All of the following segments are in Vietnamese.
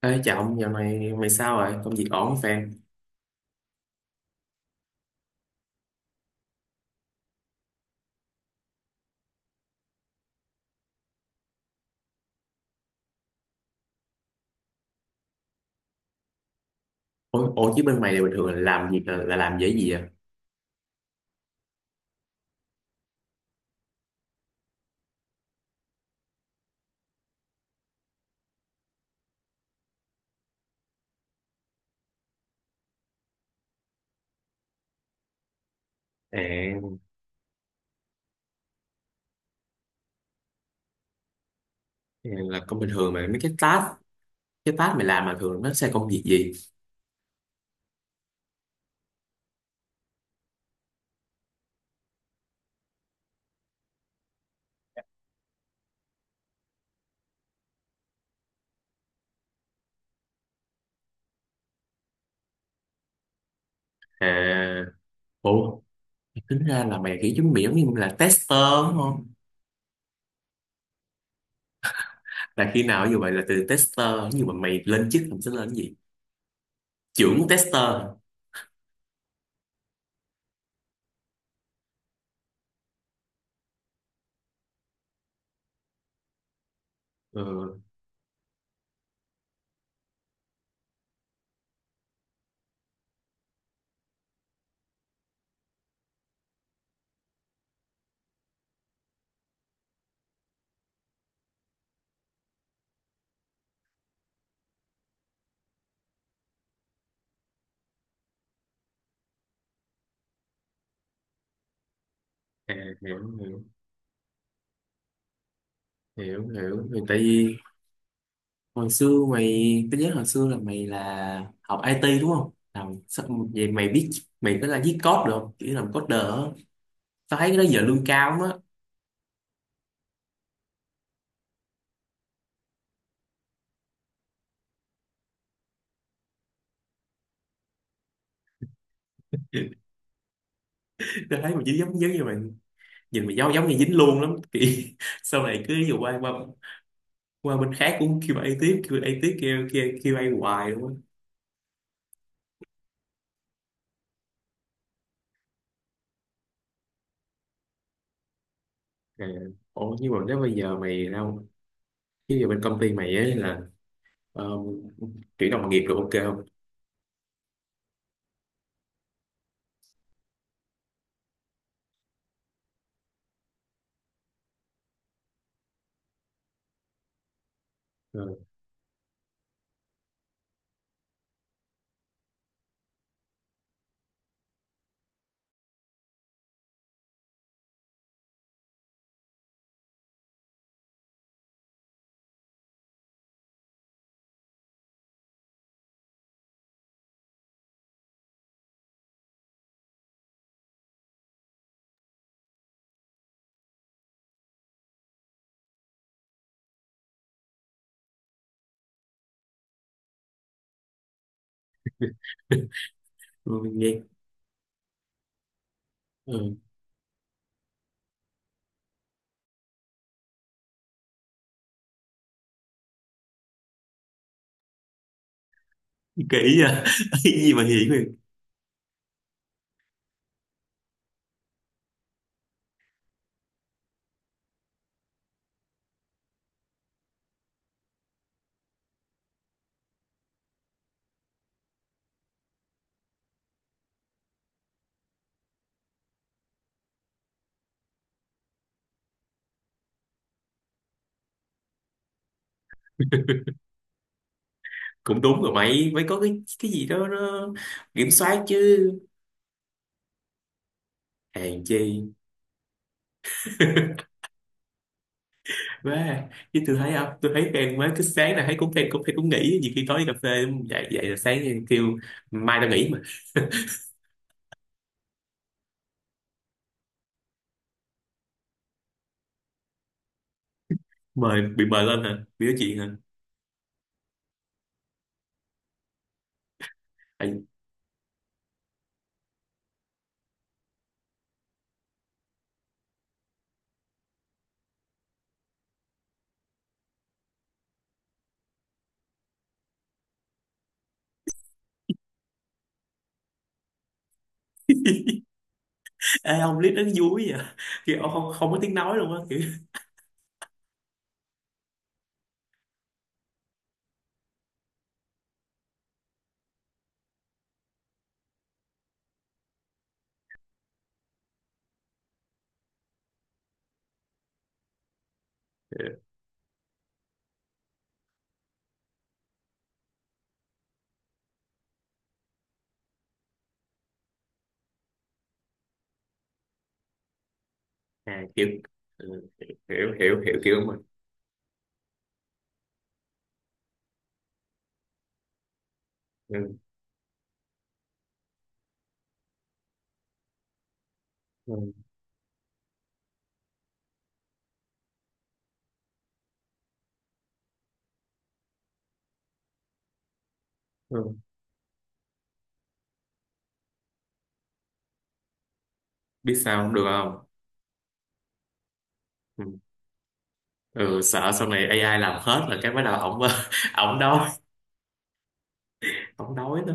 Ê, chào ông, dạo này mày sao rồi? Công việc ổn không fan? Ủa chứ bên mày là bình thường là làm việc là làm về cái gì à? À, là công bình thường mà mấy cái task mày làm mà thường nó sẽ công việc gì? À, ủa, tính ra là mày kiểu giống miệng như là tester đúng không? Là khi nào như vậy là từ tester, nhưng mà mày lên chức mình sẽ lên cái gì? Trưởng tester. Ừ, à, hiểu, hiểu, hiểu. Thì tại vì hồi xưa mày, tao nhớ hồi xưa là mày là học IT đúng không, làm sao vậy mày biết mày có là viết code được không, kiểu làm coder á? Tao thấy cái đó giờ lương cao lắm á. Tao thấy mày chỉ giống giống như mày, nhìn mày giống giống như dính luôn lắm kiểu. Sau này cứ dù qua qua qua bên khác cũng kêu QA tiếp, kêu QA tiếp, kêu kêu QA hoài luôn á. Rồi, ủa nhưng mà nếu bây giờ mày đâu, bây giờ bên công ty mày ấy là um, chuyển đồng nghiệp được ok không? Ờ, nghe ừ, kỹ à. Cái gì mà hiển, cũng đúng rồi, mày phải có cái gì đó nó kiểm soát chứ. Hèn chi quá, chứ tôi thấy không, tôi thấy em mới cứ sáng là thấy, cũng em cũng thấy cũng nghỉ, nhiều khi tối đi cà phê dậy, dậy là sáng kêu mai tao nghỉ mà. Mời, bị mời lên hả, bị nói chuyện hả? Tại- Ê, ông clip nó vui vậy à? Kiểu ông không, không có tiếng nói luôn á kiểu. À, kiểu ừ, hiểu hiểu hiểu kiểu mình. Ừ, ừ, ừ. Biết sao không được không? Ừ, ừ, sợ sau này AI làm hết là cái bắt đầu ổng ổng đâu không đói nữa.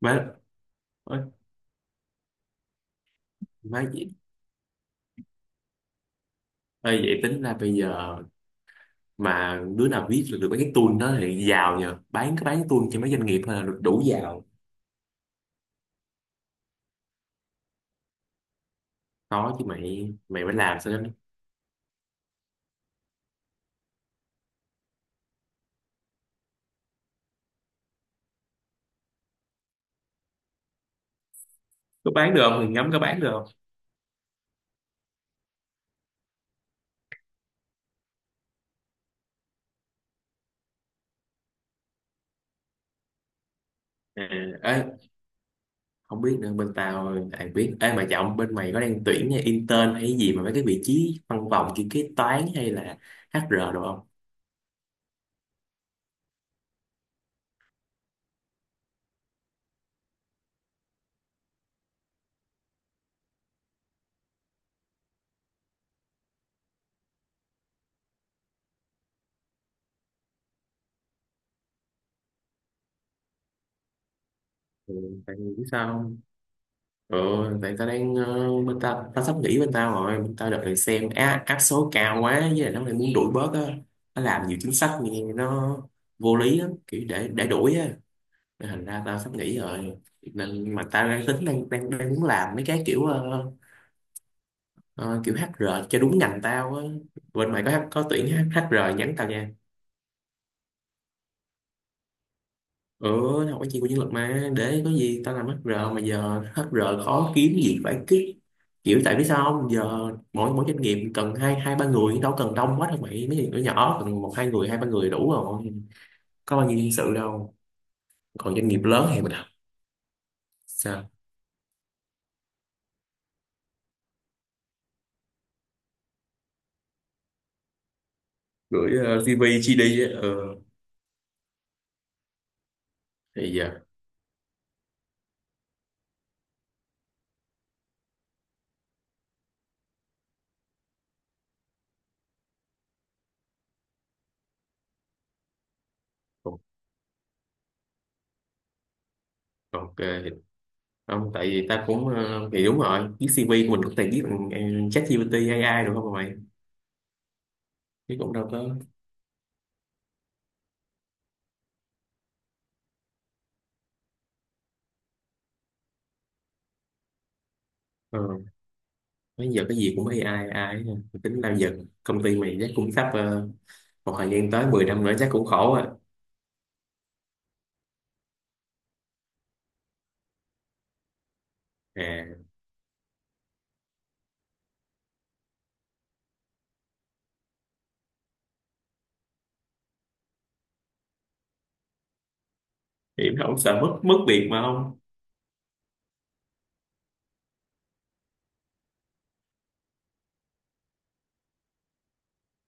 Má ơi, má vậy ơi, vậy tính ra bây giờ mà đứa nào viết được, được mấy cái tool đó thì giàu, nhờ bán cái tool cho mấy doanh nghiệp thôi là được đủ giàu. Có chứ mày, mày phải làm sao đó. Có bán được không thì ngắm có bán được không. À, ê, không biết nữa, bên tao ai biết. Ê mà trọng, bên mày có đang tuyển intern hay gì mà mấy cái vị trí văn phòng kiểu kế toán hay là HR được không? Ừ, tại vì biết sao không? Ờ, tại tao đang bên ta, tao sắp nghỉ bên tao rồi, bên tao đợt này xem á, áp số cao quá, với lại nó lại muốn đuổi bớt á, nó làm nhiều chính sách nghe nó vô lý lắm, kiểu để đuổi á. Nên thành ra tao sắp nghỉ rồi, nên mà tao đang tính đang đang, đang muốn làm mấy cái kiểu ờ, kiểu HR cho đúng ngành tao á. Bên mày có tuyển hát HR nhắn tao nha. Ừ, học cái chi của nhân lực mà, để có gì tao làm HR, mà giờ HR khó kiếm, gì phải kiếm, kiểu tại vì sao không, giờ mỗi mỗi doanh nghiệp cần hai hai ba người đâu, cần đông quá đâu mày, mấy doanh nghiệp nhỏ cần một hai người, hai ba người đủ rồi, có bao nhiêu nhân sự đâu. Còn doanh nghiệp lớn thì mình học sao, gửi ờ, CV GD á, ờ thì giờ ok ok. Không tại vì ta cũng thì đúng rồi, viết CV của mình có thể viết bằng ChatGPT AI được không mà mày? Chứ cũng đâu có. Ờ, bây giờ cái gì cũng AI, AI hết à. Tính bao giờ công ty mày chắc cũng sắp ờ, một thời gian tới 10 năm nữa chắc cũng khổ à. À hiểm không, sợ mất mất việc mà không?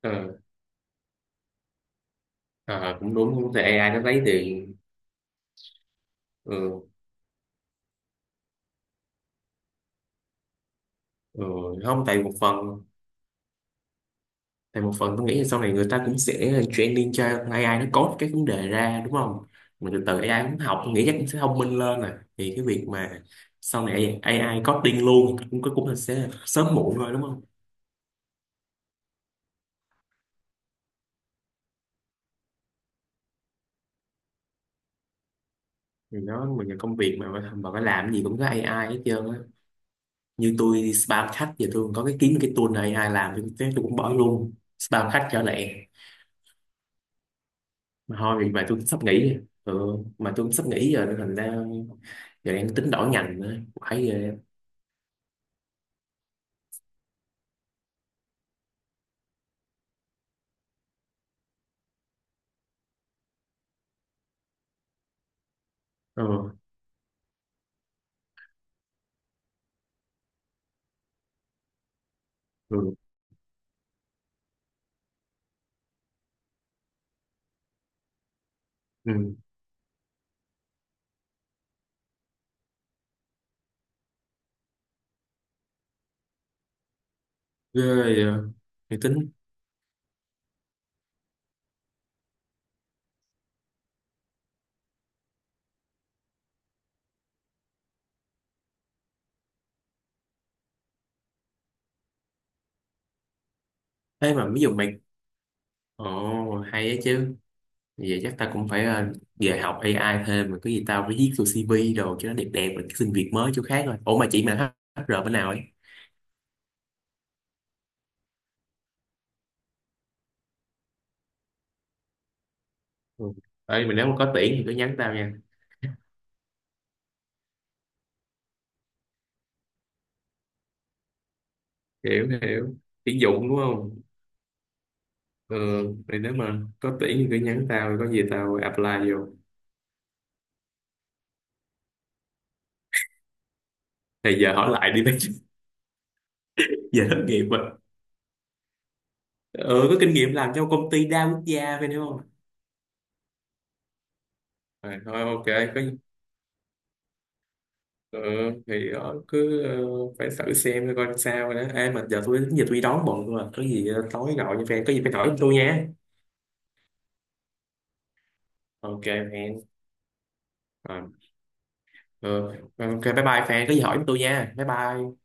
Ờ, ờ, cũng đúng, cũng tại AI nó lấy tiền. Ừ, ừ. Không tại một phần, tại một phần tôi nghĩ là sau này người ta cũng sẽ training cho AI nó code cái vấn đề ra, đúng không? Mà từ từ AI cũng học, tôi nghĩ chắc cũng sẽ thông minh lên à, thì cái việc mà sau này AI coding luôn cũng cũng là sẽ sớm muộn thôi đúng không? Thì nó, mình là công việc mà mà phải làm cái gì cũng có AI hết trơn á. Như tôi đi spam khách, giờ tôi có cái kiếm cái tool này AI làm tôi, thế tôi cũng bỏ luôn spam khách trở lại. Mà thôi vì mà tôi sắp nghỉ, ừ, mà tôi cũng sắp nghỉ giờ nên thành ra giờ đang tính đổi ngành nữa phải về. Ừ, ừ, ừ. Ghê vậy à. Thì tính thế, mà ví dụ mày, ồ hay á chứ. Vậy chắc ta cũng phải về học AI thêm, mà cái gì tao phải viết vô CV đồ cho nó đẹp đẹp rồi xin việc mới chỗ khác. Rồi ủa mà chị mà HR bên nào ấy? Ừ. Ê, mình nếu mà có tuyển thì cứ nhắn tao nha. Hiểu hiểu, tuyển dụng đúng không? Ừ, thì nếu mà có tuyển thì cứ nhắn tao, có gì tao apply vô. Thì giờ hỏi lại đi mấy chứ. Giờ thất nghiệp rồi, ừ, có kinh nghiệm làm trong công ty đa quốc gia phải không. À, thôi ok, có, ừ, thì đó, cứ phải thử xem coi coi sao rồi đó. Ê, mà giờ tôi, giờ tôi đi đón bọn tôi à, có gì tối gọi cho fan có gì phải hỏi tôi nha. Ok fan. Ờ, ừ. Ok bye bye fan, có gì hỏi tôi nha, bye bye.